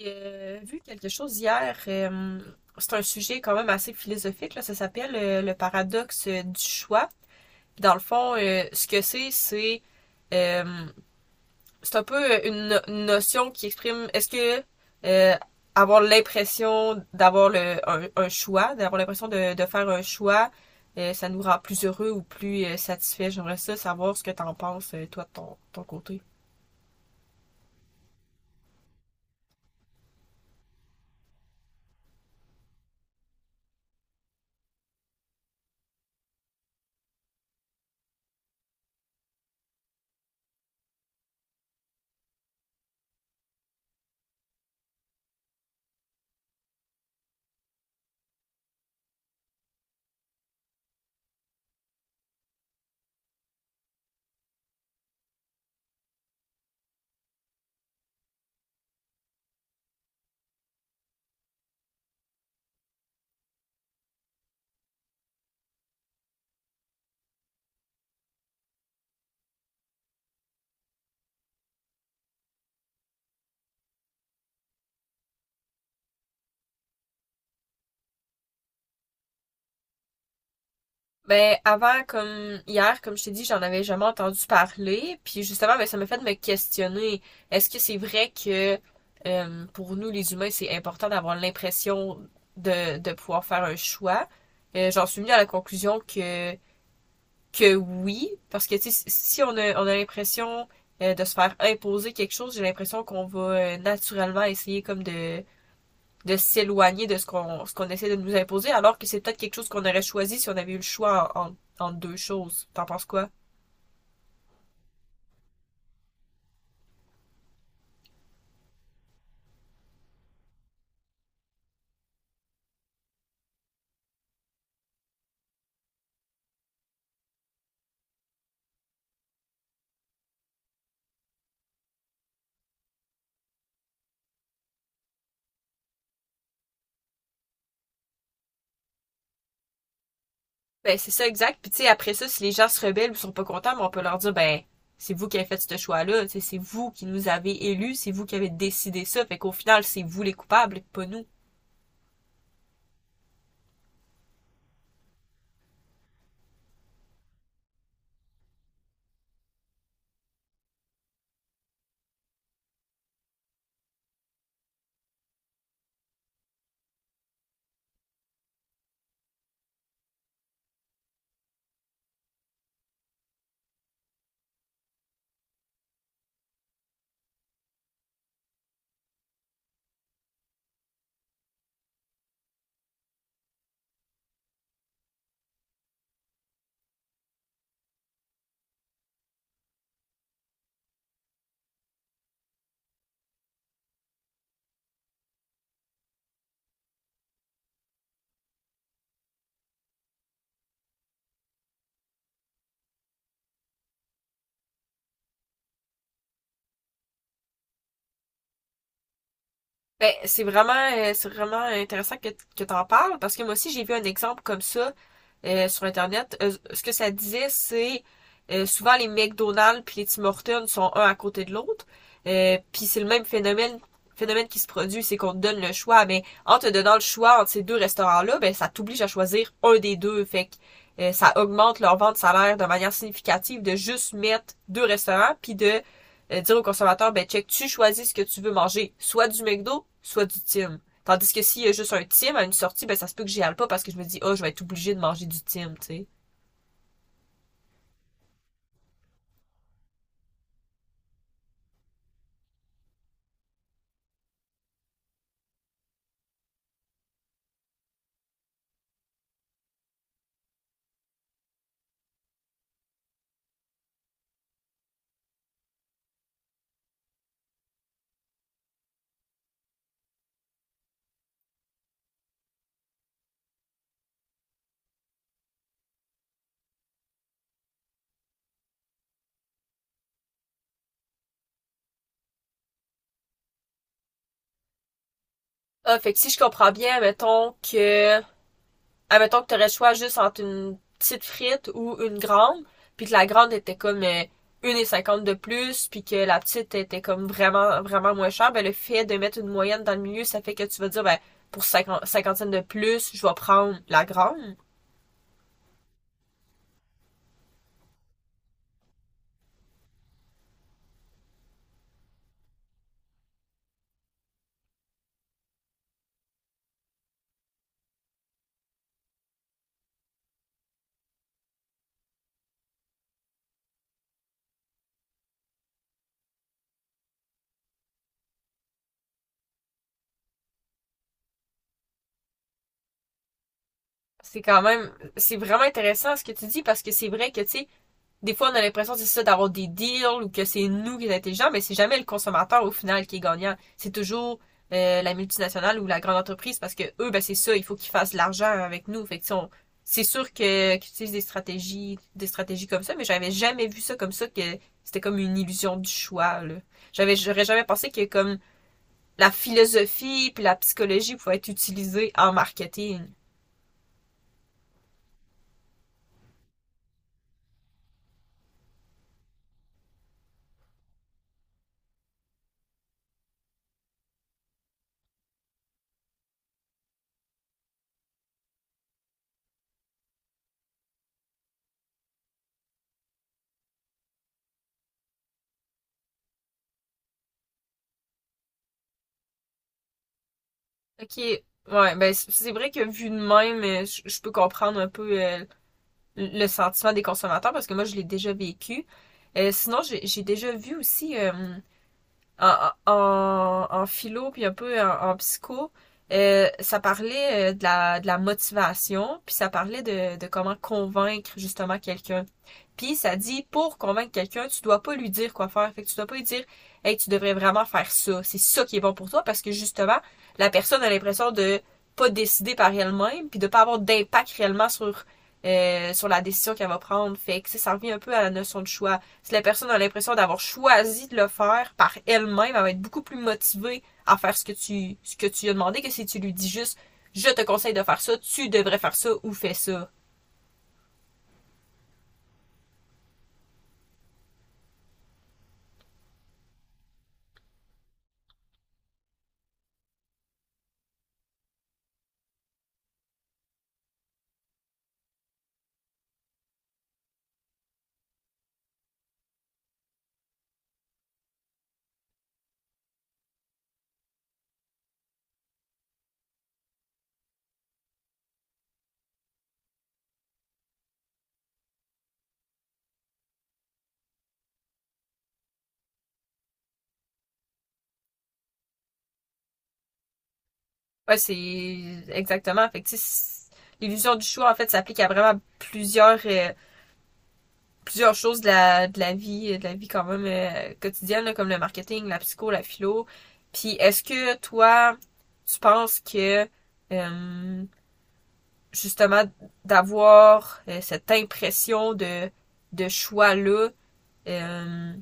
J'ai vu quelque chose hier. C'est un sujet quand même assez philosophique, là. Ça s'appelle le paradoxe du choix. Dans le fond, ce que c'est, euh, c'est un peu une, no- une notion qui exprime est-ce que euh, avoir l'impression d'avoir un choix, d'avoir l'impression de faire un choix, ça nous rend plus heureux ou plus satisfait. J'aimerais ça savoir ce que t'en penses, toi, de ton côté. Ben, avant, comme hier, comme je t'ai dit, j'en avais jamais entendu parler. Puis justement, ben, ça m'a fait me questionner. Est-ce que c'est vrai que pour nous, les humains, c'est important d'avoir l'impression de pouvoir faire un choix? J'en suis venue à la conclusion que oui, parce que tu sais, si on a, on a l'impression de se faire imposer quelque chose, j'ai l'impression qu'on va naturellement essayer comme de s'éloigner de ce qu'on essaie de nous imposer, alors que c'est peut-être quelque chose qu'on aurait choisi si on avait eu le choix entre deux choses. T'en penses quoi? Ben, c'est ça, exact. Puis, tu sais, après ça, si les gens se rebellent ou sont pas contents, ben, on peut leur dire, ben, c'est vous qui avez fait ce choix-là. Tu C'est vous qui nous avez élus, c'est vous qui avez décidé ça. Fait qu'au final, c'est vous les coupables, pas nous. Ben, c'est vraiment intéressant que t'en parles parce que moi aussi j'ai vu un exemple comme ça sur Internet. Ce que ça disait, c'est souvent les McDonald's puis les Tim Hortons sont un à côté de l'autre. Puis c'est le même phénomène qui se produit, c'est qu'on te donne le choix, mais en te donnant le choix entre ces deux restaurants-là, ben ça t'oblige à choisir un des deux. Fait que ça augmente leur vente de salaire de manière significative de juste mettre deux restaurants puis de dire au consommateur, ben check, tu choisis ce que tu veux manger, soit du McDo, soit du Tim. Tandis que s'il y a juste un Tim à une sortie, ben ça se peut que j'y aille pas parce que je me dis, oh, je vais être obligée de manger du Tim, tu sais. Ah, fait que si je comprends bien, mettons que, admettons que t'aurais le choix juste entre une petite frite ou une grande, puis que la grande était comme une cinquante de plus, puis que la petite était comme vraiment, vraiment moins chère, ben le fait de mettre une moyenne dans le milieu, ça fait que tu vas dire, ben, pour 50 cinquantaine de plus, je vais prendre la grande. C'est quand même, c'est vraiment intéressant ce que tu dis parce que c'est vrai que, tu sais, des fois on a l'impression, c'est ça, d'avoir des deals ou que c'est nous qui sommes intelligents, mais c'est jamais le consommateur au final qui est gagnant. C'est toujours la multinationale ou la grande entreprise parce que eux, ben c'est ça, il faut qu'ils fassent de l'argent avec nous. Fait que, tu on- C'est sûr que qu'ils utilisent des stratégies comme ça, mais j'avais jamais vu ça comme ça que c'était comme une illusion du choix, là. J'aurais jamais pensé que comme la philosophie puis la psychologie pouvaient être utilisées en marketing. Ok, ouais, ben c'est vrai que vu de même, je peux comprendre un peu le sentiment des consommateurs parce que moi je l'ai déjà vécu. Sinon, j'ai déjà vu aussi en philo puis un peu en psycho, ça parlait de la motivation puis ça parlait de comment convaincre justement quelqu'un. Puis ça dit pour convaincre quelqu'un, tu dois pas lui dire quoi faire. Fait que tu dois pas lui dire, hey, tu devrais vraiment faire ça. C'est ça qui est bon pour toi parce que justement, la personne a l'impression de pas décider par elle-même puis de pas avoir d'impact réellement sur sur la décision qu'elle va prendre. Fait que ça revient un peu à la notion de choix. Si la personne a l'impression d'avoir choisi de le faire par elle-même, elle va être beaucoup plus motivée à faire ce que tu lui as demandé que si tu lui dis juste je te conseille de faire ça, tu devrais faire ça ou fais ça. Ouais, c'est exactement. Fait que, tu sais, l'illusion du choix, en fait, s'applique à vraiment plusieurs choses de de la vie quand même quotidienne, là, comme le marketing, la psycho, la philo. Puis, est-ce que toi, tu penses que, euh, justement, d'avoir cette impression de choix-là, euh,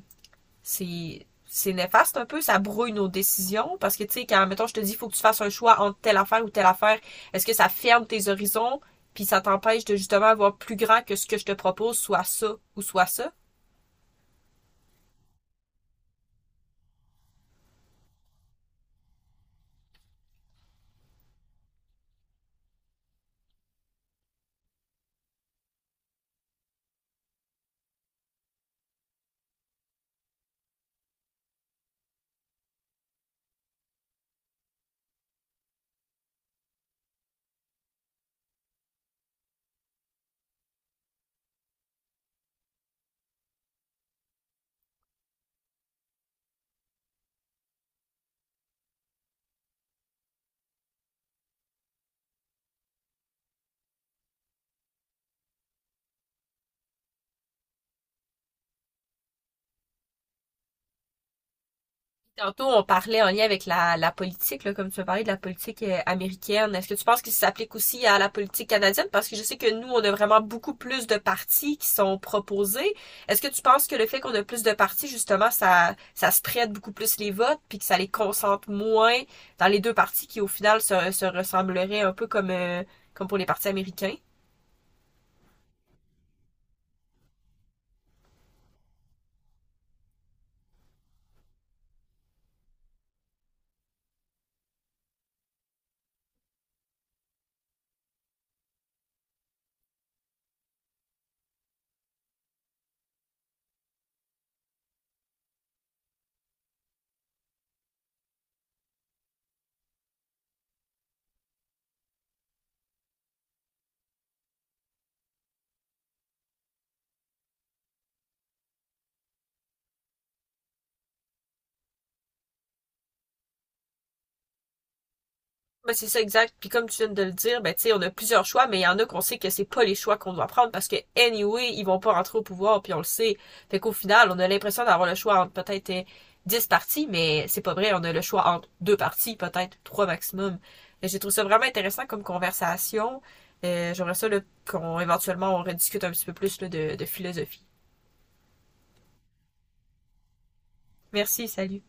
c'est c'est néfaste un peu, ça brouille nos décisions parce que tu sais quand mettons je te dis il faut que tu fasses un choix entre telle affaire ou telle affaire, est-ce que ça ferme tes horizons puis ça t'empêche de justement avoir plus grand que ce que je te propose soit ça ou soit ça? Tantôt, on parlait en lien avec la politique, là, comme tu as parlé de la politique américaine. Est-ce que tu penses qu'il s'applique aussi à la politique canadienne? Parce que je sais que nous, on a vraiment beaucoup plus de partis qui sont proposés. Est-ce que tu penses que le fait qu'on a plus de partis, justement, ça spread beaucoup plus les votes, puis que ça les concentre moins dans les deux partis qui, au final, se ressembleraient un peu comme, comme pour les partis américains? Ben, c'est ça, exact. Puis comme tu viens de le dire, ben, tu sais, on a plusieurs choix, mais il y en a qu'on sait que c'est pas les choix qu'on doit prendre parce que, anyway, ils vont pas rentrer au pouvoir, puis on le sait. Fait qu'au final, on a l'impression d'avoir le choix entre peut-être dix 10 partis, mais c'est pas vrai. On a le choix entre deux partis, peut-être trois maximum. J'ai trouvé ça vraiment intéressant comme conversation. J'aimerais ça, là, qu'on, éventuellement, on rediscute un petit peu plus, là, de philosophie. Merci, salut.